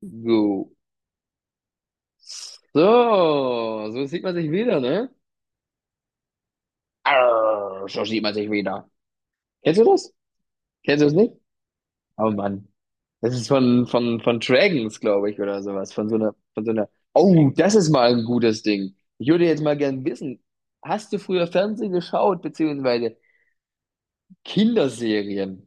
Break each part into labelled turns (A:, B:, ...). A: So. So sieht man sich wieder, ne? Arr, so sieht man sich wieder. Kennst du das? Kennst du das nicht? Oh Mann. Das ist von Dragons, glaube ich, oder sowas. Von so einer, von so einer. Oh, das ist mal ein gutes Ding. Ich würde jetzt mal gern wissen, hast du früher Fernsehen geschaut, beziehungsweise Kinderserien?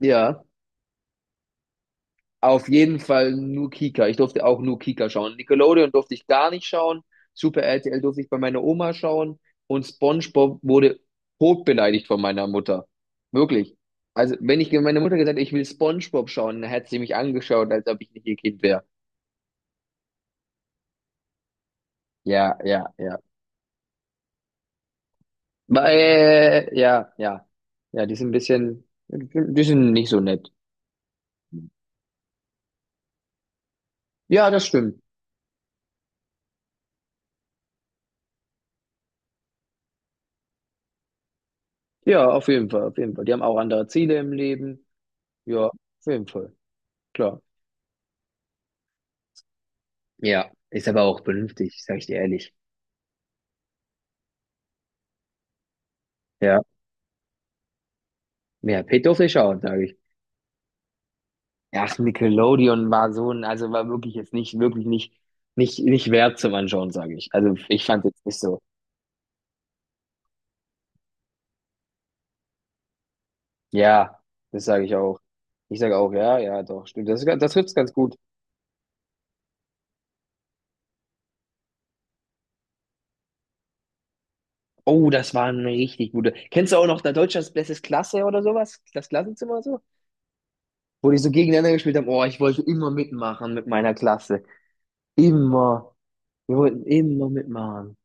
A: Ja. Auf jeden Fall nur Kika. Ich durfte auch nur Kika schauen. Nickelodeon durfte ich gar nicht schauen. Super RTL durfte ich bei meiner Oma schauen. Und SpongeBob wurde totbeleidigt von meiner Mutter. Wirklich. Also, wenn ich meiner Mutter gesagt hätte, ich will SpongeBob schauen, dann hätte sie mich angeschaut, als ob ich nicht ihr Kind wäre. Ja, ja, ja. Weil, ja, ja. Ja, die sind ein bisschen, die sind nicht so nett. Ja, das stimmt. Ja, auf jeden Fall, auf jeden Fall. Die haben auch andere Ziele im Leben. Ja, auf jeden Fall. Klar. Ja, ist aber auch vernünftig, sag ich dir ehrlich. Ja, ja, Peter Fischer, sage ich. Ach, Nickelodeon war so ein, also war wirklich jetzt nicht, wirklich nicht, nicht, nicht wert zum Anschauen, sage ich. Also ich fand jetzt nicht so. Ja, das sage ich auch. Ich sage auch, ja, ja, doch, stimmt. Das trifft's ganz gut. Oh, das war eine richtig gute. Kennst du auch noch da Deutschlands Bestes Klasse oder sowas? Das Klassenzimmer so? Wo die so gegeneinander gespielt haben. Oh, ich wollte immer mitmachen mit meiner Klasse. Immer. Wir wollten immer mitmachen.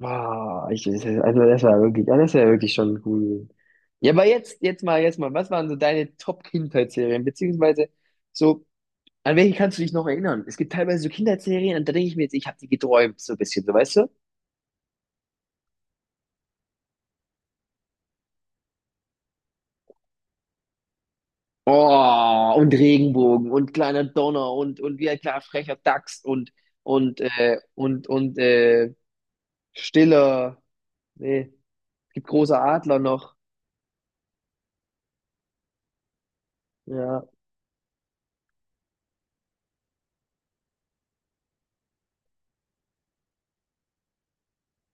A: Wow, ich, also das war wirklich, das war wirklich schon cool. Ja, aber jetzt mal, was waren so deine Top-Kindheitsserien? Beziehungsweise so, an welche kannst du dich noch erinnern? Es gibt teilweise so Kindheitsserien, und da denke ich mir jetzt, ich habe die geträumt, so ein bisschen, so weißt du? Oh, und Regenbogen und kleiner Donner und wie ein kleiner frecher Dachs und, und, äh, und, und, äh, stiller, nee, es gibt großer Adler noch. Ja.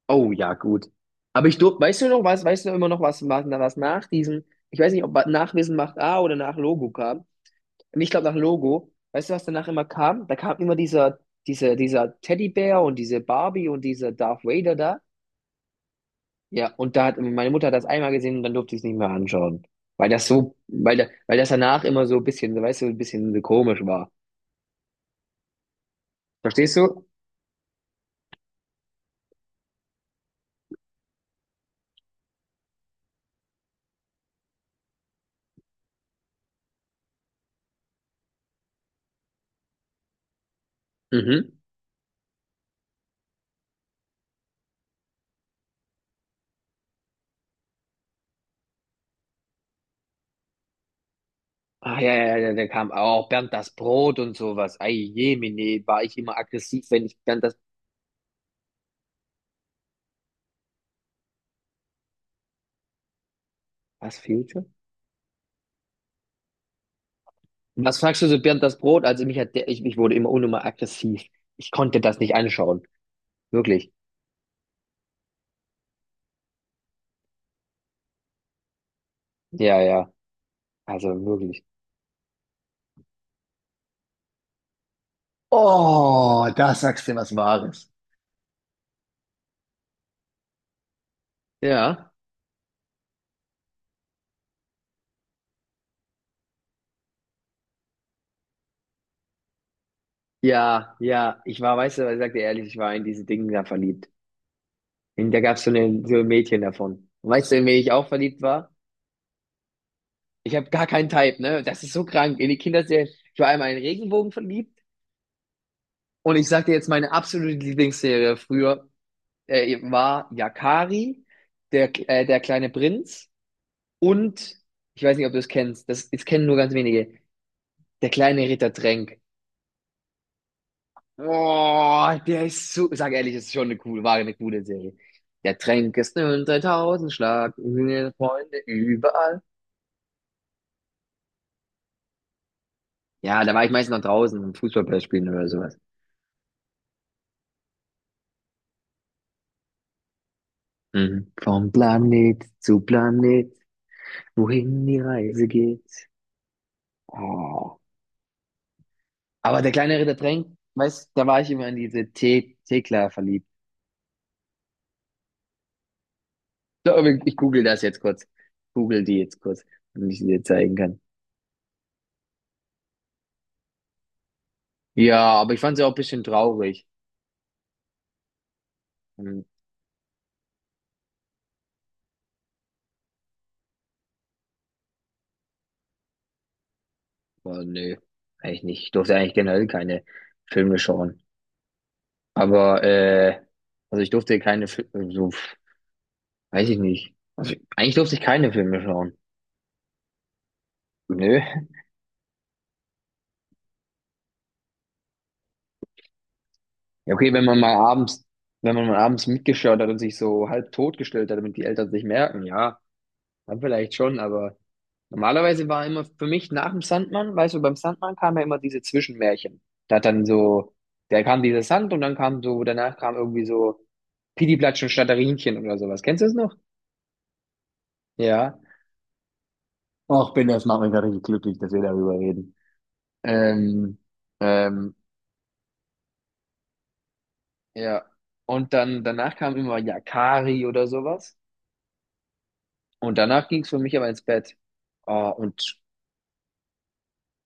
A: Oh ja, gut. Aber ich durfte, weißt du noch was, weißt du immer noch was nach diesem, ich weiß nicht, ob nach Wissen macht A oder nach Logo kam. Und ich glaube nach Logo, weißt du, was danach immer kam? Da kam immer dieser Teddybär und diese Barbie und dieser Darth Vader da. Ja, und da hat meine Mutter hat das einmal gesehen und dann durfte ich es nicht mehr anschauen. Weil das so, weil das danach immer so ein bisschen, weißt du, ein bisschen komisch war. Verstehst du? Mhm. Ah, ja, ja, ja, da kam auch Bernd das Brot und sowas. Ei, jemine, war ich immer aggressiv, wenn ich Bernd. Was, Future? Was fragst du so, Bernd, das Brot? Also mich hat der, ich wurde immer unnummer aggressiv. Ich konnte das nicht anschauen. Wirklich. Ja, ja. Also wirklich. Oh, da sagst du was Wahres. Ja, ja, ja. Ich war, weißt du, ich sag dir ehrlich, ich war in diese Dinge da verliebt. Und da gab's so, eine, so ein Mädchen davon. Und weißt du, in wen ich auch verliebt war? Ich habe gar keinen Type, ne? Das ist so krank. In die Kinderserie. Ich war einmal in Regenbogen verliebt. Und ich sag dir jetzt meine absolute Lieblingsserie früher, war Yakari, der kleine Prinz, und ich weiß nicht, ob du es kennst, das kennen nur ganz wenige, der kleine Ritter Tränk. Oh, der ist so, sag ehrlich, das ist schon eine coole, war eine coole Serie. Der Tränk ist ein 3000 Schlag, Freunde überall. Ja, da war ich meistens noch draußen, um Fußballplatz spielen oder sowas. Mhm. Vom Planet zu Planet, wohin die Reise geht. Oh. Aber der kleine Ritter Tränk, weißt, da war ich immer an diese Thekla verliebt. So, ich google das jetzt kurz. Google die jetzt kurz, damit ich sie dir zeigen kann. Ja, aber ich fand sie auch ein bisschen traurig. Hm, aber nö, eigentlich nicht. Ich durfte eigentlich generell keine Filme schauen. Aber, also ich durfte keine Filme, so, weiß ich nicht. Also eigentlich durfte ich keine Filme schauen. Nö. Ja, okay, wenn man mal abends mitgeschaut hat und sich so halb totgestellt hat, damit die Eltern es nicht merken, ja, dann vielleicht schon, aber. Normalerweise war immer für mich nach dem Sandmann, weißt du, beim Sandmann kam ja immer diese Zwischenmärchen. Da hat dann so, da kam dieser Sand und dann kam so, danach kam irgendwie so Pidiplatsch und Schnatterinchen oder sowas. Kennst du das noch? Ja. Och, bin, das macht mich gerade richtig glücklich, dass wir darüber reden. Ähm, ähm, ja. Und dann, danach kam immer Yakari oder sowas. Und danach ging es für mich aber ins Bett. Oh, und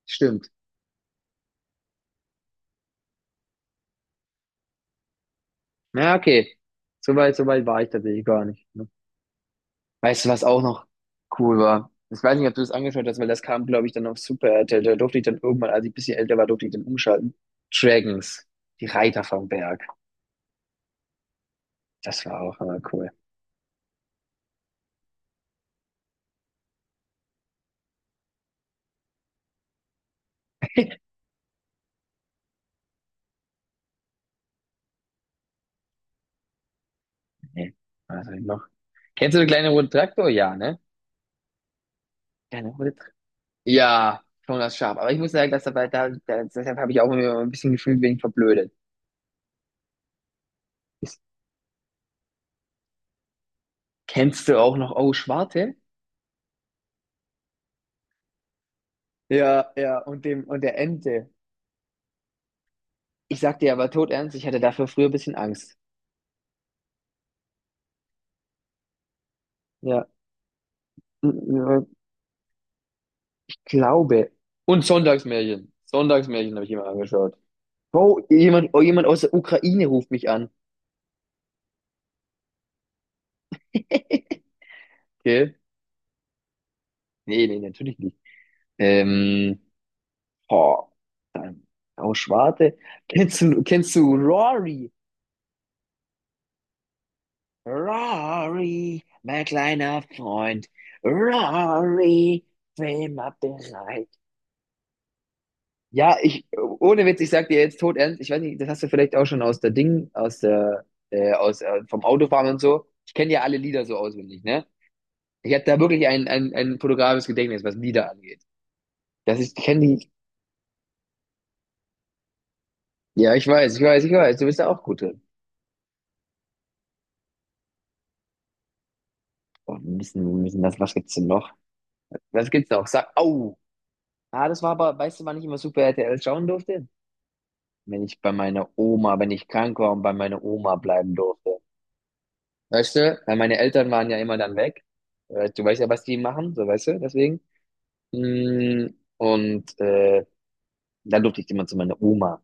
A: stimmt. Na, okay. So weit war ich tatsächlich gar nicht. Weißt du, was auch noch cool war? Ich weiß nicht, ob du das angeschaut hast, weil das kam, glaube ich, dann auf Super RTL. Da durfte ich dann irgendwann, als ich ein bisschen älter war, durfte ich dann umschalten. Dragons, die Reiter vom Berg. Das war auch immer cool. Nee, was hab ich noch? Kennst du den kleinen roten Traktor? Ja, ne? Kleine rote Traktor. Ja, schon das Schaf. Aber ich muss sagen, dass dabei, deshalb habe ich auch immer ein bisschen gefühlt wegen verblödet. Ist. Kennst du auch noch Oh Schwarte? Ja, ja, und dem, und der Ente. Ich sag dir aber tot ernst, ich hatte dafür früher ein bisschen Angst. Ja, glaube. Und Sonntagsmärchen. Sonntagsmärchen habe ich immer angeschaut. Oh, jemand aus der Ukraine ruft mich an. Okay. Nee, nee, natürlich nicht. Ähm, boah, dann aus Schwarte. Kennst du Rory? Rory, mein kleiner Freund. Rory, bin mal bereit. Ja, ich, ohne Witz, ich sag dir jetzt tot ernst, ich weiß nicht, das hast du vielleicht auch schon aus der Ding, vom Autofahren und so. Ich kenne ja alle Lieder so auswendig, ne? Ich habe da wirklich ein fotografisches Gedächtnis, was Lieder angeht. Das ist, ich kenne die, ja, ich weiß, ich weiß, ich weiß, du bist da auch gut drin. Oh, wir müssen das, was gibt's denn noch? Was gibt's noch? Sag, au! Ah, das war aber, weißt du, wann ich immer Super RTL schauen durfte? Wenn ich bei meiner Oma, wenn ich krank war und bei meiner Oma bleiben durfte. Weißt du, weil meine Eltern waren ja immer dann weg. Du weißt ja, was die machen, so weißt du, deswegen. Mm, Und dann durfte ich immer zu meiner Oma.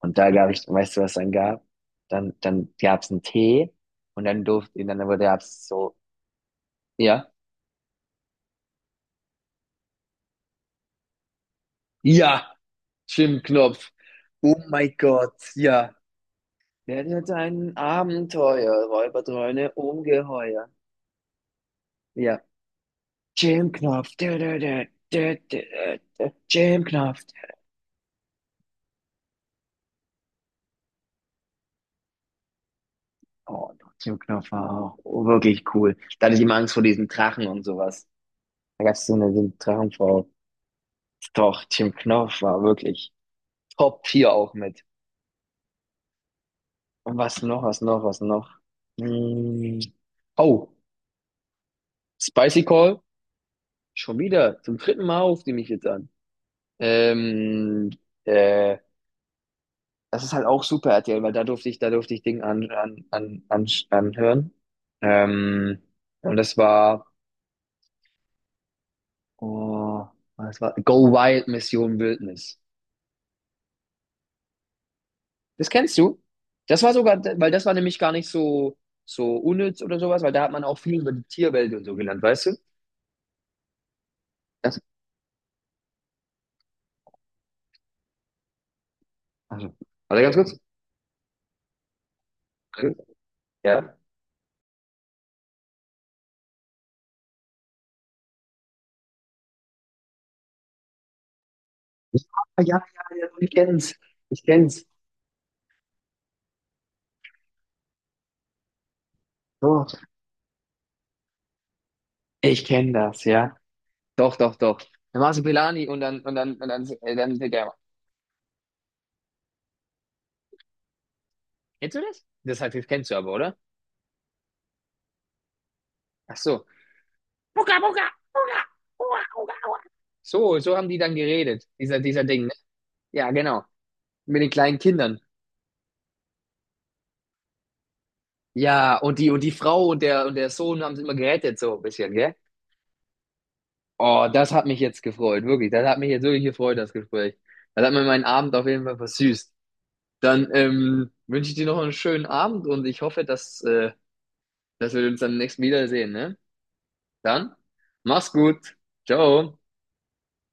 A: Und da gab ich, weißt du, was dann gab? Dann gab es einen Tee und dann durfte, und dann wurde es so, ja, ja, Schwimmknopf. Oh mein Gott, ja. Werde dein Abenteuer, Räuberdröhne, Ungeheuer. Ja. Jim Knopf. Jim Knopf. Oh, Tokio-Knopf war auch wirklich cool. Da hatte ich immer Angst vor diesen Drachen und sowas. Da gab es so eine Drachenfrau. Doch, Team Knopf war wirklich Top 4 auch mit. Und was noch, was noch, was noch? Hm. Oh, Spicy Call. Schon wieder. Zum dritten Mal ruft die mich jetzt an. Ähm, äh, das ist halt auch Super RTL, weil da durfte ich, Dinge anhören. Ähm, und das war. Oh, was war? Go Wild Mission Wildnis. Das kennst du? Das war sogar, weil das war nämlich gar nicht so, so unnütz oder sowas, weil da hat man auch viel über die Tierwelt und so gelernt, weißt du? Das, also, warte ganz kurz. Ja. Ah, ja, ja, ja, ich kenn's. Ich kenn's. Doch. Ich kenn das, ja. Doch, doch, doch. Dann machst du Pelani dann, der. Kennst du das? Das heißt, das kennst du aber, oder? Ach so. Buka, buka, buka, buka, buka. So haben die dann geredet, dieser Ding, ne? Ja, genau. Mit den kleinen Kindern. Ja, und die Frau und der Sohn haben es immer gerettet, so ein bisschen, gell? Oh, das hat mich jetzt gefreut, wirklich. Das hat mich jetzt wirklich gefreut, das Gespräch. Das hat mir meinen Abend auf jeden Fall versüßt. Dann wünsche ich dir noch einen schönen Abend und ich hoffe, dass wir uns dann nächstes Mal wiedersehen, ne? Dann, mach's gut. Ciao.